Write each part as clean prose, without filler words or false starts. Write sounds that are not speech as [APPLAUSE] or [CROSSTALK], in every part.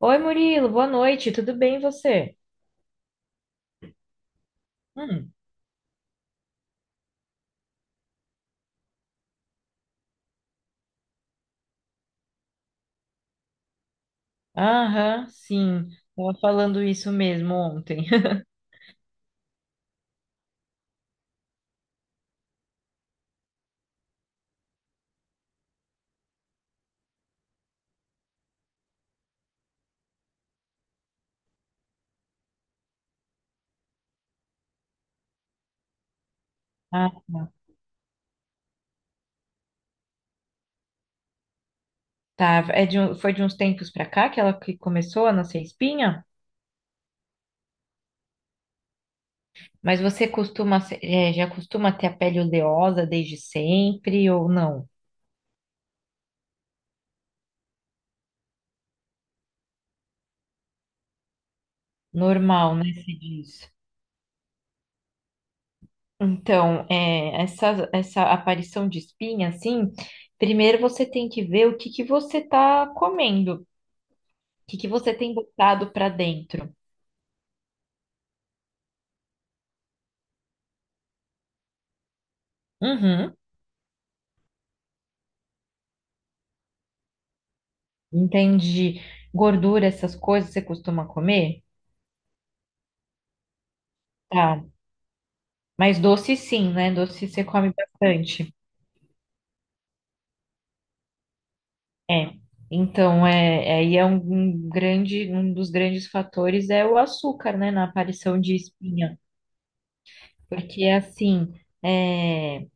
Oi, Murilo, boa noite, tudo bem e você? Hum, aham, sim, tava falando isso mesmo ontem. [LAUGHS] Ah, tá, tá, foi de uns tempos pra cá que ela que começou a nascer espinha? Mas você costuma, já costuma ter a pele oleosa desde sempre ou não? Normal, né, se diz. Então, essa aparição de espinha, assim, primeiro você tem que ver o que você tá comendo, o que você tem botado pra dentro. Uhum. Entendi. Gordura, essas coisas você costuma comer? Tá. Mas doce sim, né? Doce você come bastante. É. Então, aí é um grande, um dos grandes fatores é o açúcar, né? Na aparição de espinha. Porque assim, é,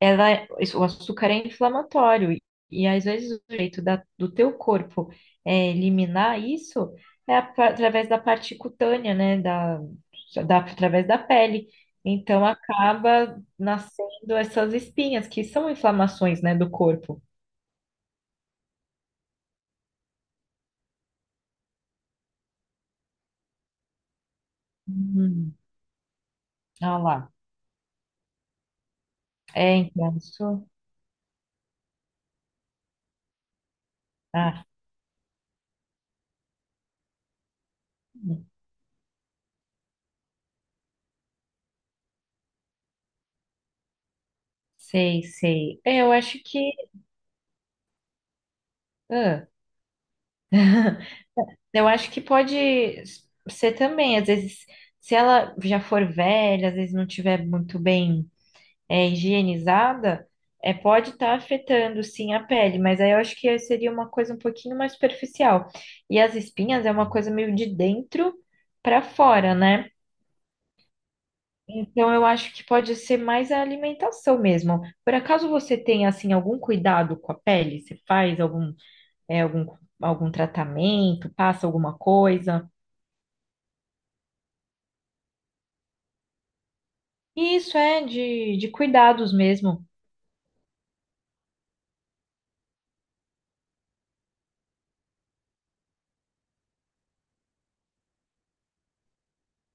o açúcar é inflamatório e às vezes o jeito do teu corpo eliminar isso é através da parte cutânea, né, através da pele. Então acaba nascendo essas espinhas que são inflamações, né, do corpo. Uhum. Ah lá. É, então isso. Ah, sei, sei. É, eu acho que. Ah. Eu acho que pode ser também, às vezes, se ela já for velha, às vezes não tiver muito bem higienizada, é, pode estar afetando sim a pele, mas aí eu acho que seria uma coisa um pouquinho mais superficial. E as espinhas é uma coisa meio de dentro para fora, né? Então eu acho que pode ser mais a alimentação mesmo. Por acaso você tem assim algum cuidado com a pele? Você faz algum, é, algum, algum tratamento, passa alguma coisa? E isso é de cuidados mesmo.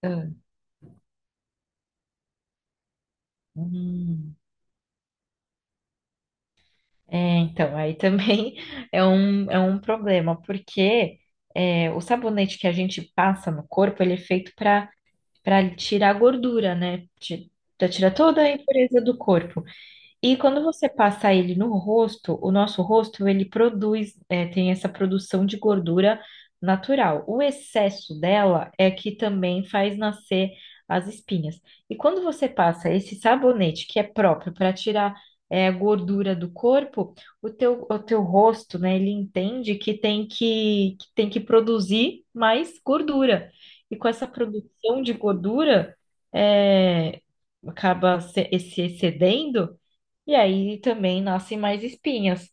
Ah, hum. É, então, aí também [LAUGHS] é um problema, porque é, o sabonete que a gente passa no corpo, ele é feito para tirar a gordura, né? Para tirar toda a impureza do corpo. E quando você passa ele no rosto, o nosso rosto ele produz, é, tem essa produção de gordura natural. O excesso dela é que também faz nascer as espinhas. E quando você passa esse sabonete que é próprio para tirar é, a gordura do corpo, o teu rosto, né, ele entende que tem que produzir mais gordura. E com essa produção de gordura, é, acaba se excedendo e aí também nascem mais espinhas.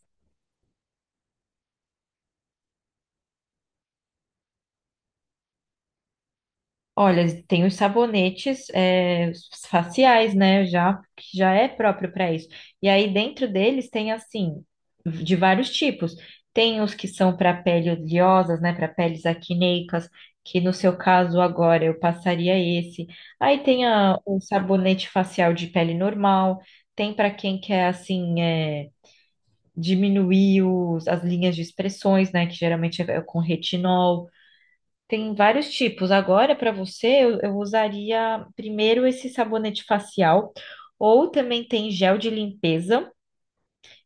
Olha, tem os sabonetes é, os faciais, né? Já que já é próprio para isso. E aí dentro deles tem assim de vários tipos. Tem os que são para pele oleosas, né? Para peles acneicas, que no seu caso agora eu passaria esse. Aí tem o sabonete facial de pele normal. Tem para quem quer assim é, diminuir as linhas de expressões, né? Que geralmente é com retinol. Tem vários tipos. Agora, para você, eu usaria primeiro esse sabonete facial, ou também tem gel de limpeza,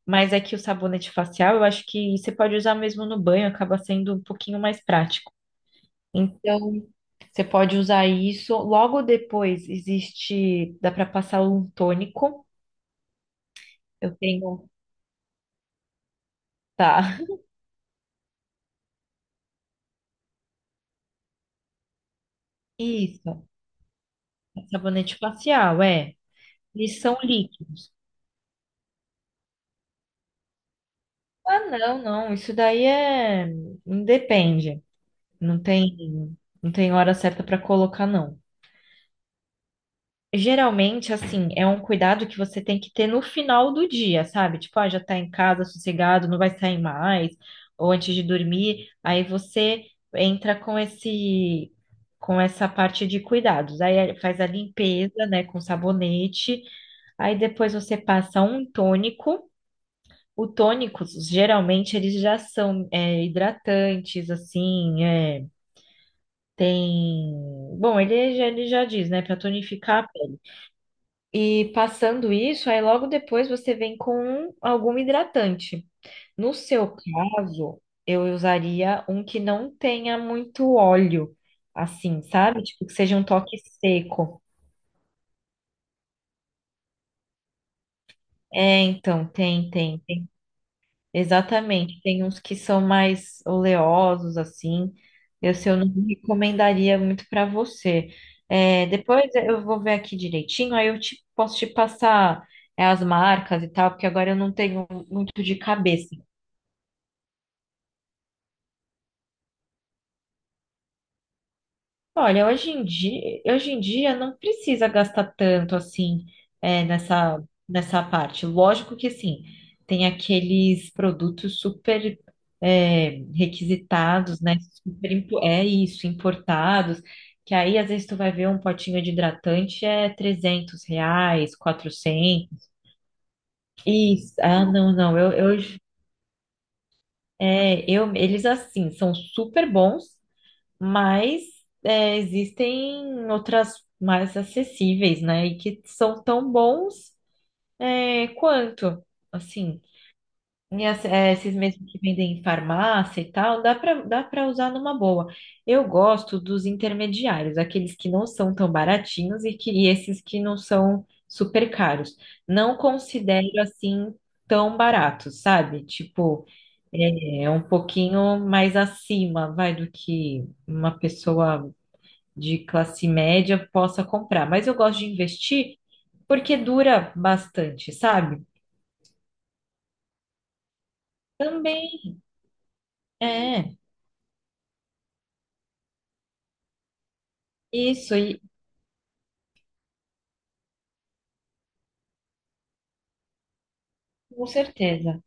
mas aqui o sabonete facial eu acho que você pode usar mesmo no banho, acaba sendo um pouquinho mais prático. Então, você pode usar isso. Logo depois existe, dá para passar um tônico. Eu tenho, tá. [LAUGHS] Isso, sabonete facial, é. Eles são líquidos. Ah, não, não, isso daí é. Hum, depende. Não tem, não tem hora certa para colocar, não. Geralmente, assim, é um cuidado que você tem que ter no final do dia, sabe? Tipo, ah, já tá em casa, sossegado, não vai sair mais, ou antes de dormir, aí você entra com esse, com essa parte de cuidados. Aí é, faz a limpeza, né, com sabonete, aí depois você passa um tônico. O tônico, geralmente, eles já são, é, hidratantes, assim, é, tem. Bom, ele já diz, né? Pra tonificar a pele. E passando isso, aí logo depois você vem com algum hidratante. No seu caso, eu usaria um que não tenha muito óleo, assim, sabe? Tipo, que seja um toque seco. É, então, tem, tem. Exatamente, tem uns que são mais oleosos, assim. Esse eu não recomendaria muito para você. É, depois eu vou ver aqui direitinho, aí posso te passar é, as marcas e tal, porque agora eu não tenho muito de cabeça. Olha, hoje em dia não precisa gastar tanto assim é, nessa, nessa parte. Lógico que sim, tem aqueles produtos super é, requisitados, né? Super, é isso, importados, que aí às vezes tu vai ver um potinho de hidratante é R$ 300, 400. Isso, ah, não, não, eu, eu, eles assim, são super bons, mas é, existem outras mais acessíveis, né? E que são tão bons é, quanto, assim, e esses mesmos que vendem em farmácia e tal, dá para usar numa boa. Eu gosto dos intermediários, aqueles que não são tão baratinhos e esses que não são super caros. Não considero assim tão baratos, sabe? Tipo, é um pouquinho mais acima, vai, do que uma pessoa de classe média possa comprar. Mas eu gosto de investir porque dura bastante, sabe? Também é isso, e com certeza.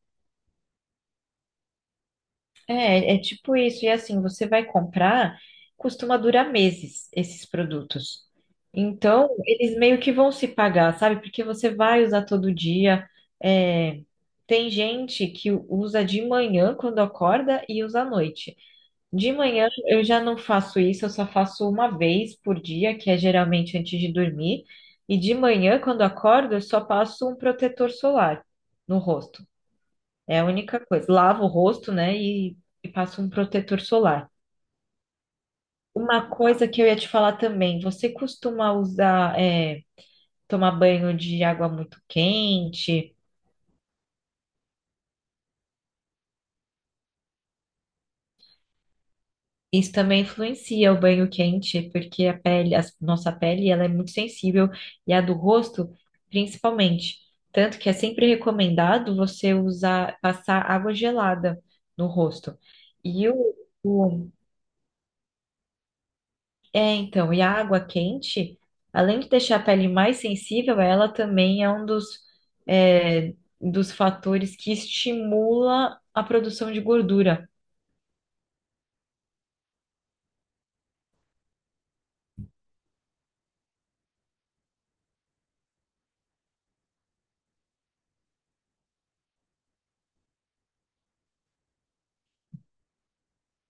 É, é tipo isso. E assim, você vai comprar, costuma durar meses esses produtos. Então, eles meio que vão se pagar, sabe? Porque você vai usar todo dia. É, tem gente que usa de manhã quando acorda e usa à noite. De manhã eu já não faço isso, eu só faço uma vez por dia, que é geralmente antes de dormir. E de manhã, quando acordo, eu só passo um protetor solar no rosto. É a única coisa. Lavo o rosto, né, e passo um protetor solar. Uma coisa que eu ia te falar também, você costuma usar, é, tomar banho de água muito quente? Isso também influencia o banho quente, porque a pele, ela é muito sensível e a do rosto, principalmente. Tanto que é sempre recomendado você usar, passar água gelada no rosto. E o, o- e a água quente, além de deixar a pele mais sensível, ela também é um dos, é, dos fatores que estimula a produção de gordura.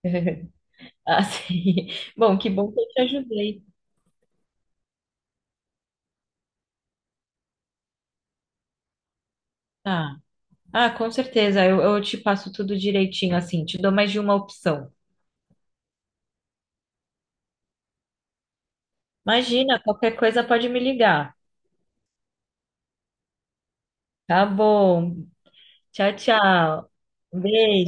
[LAUGHS] Assim, bom que eu te ajudei. Tá. Ah, com certeza. Eu te passo tudo direitinho, assim, te dou mais de uma opção. Imagina, qualquer coisa pode me ligar. Tá bom. Tchau, tchau. Um beijo.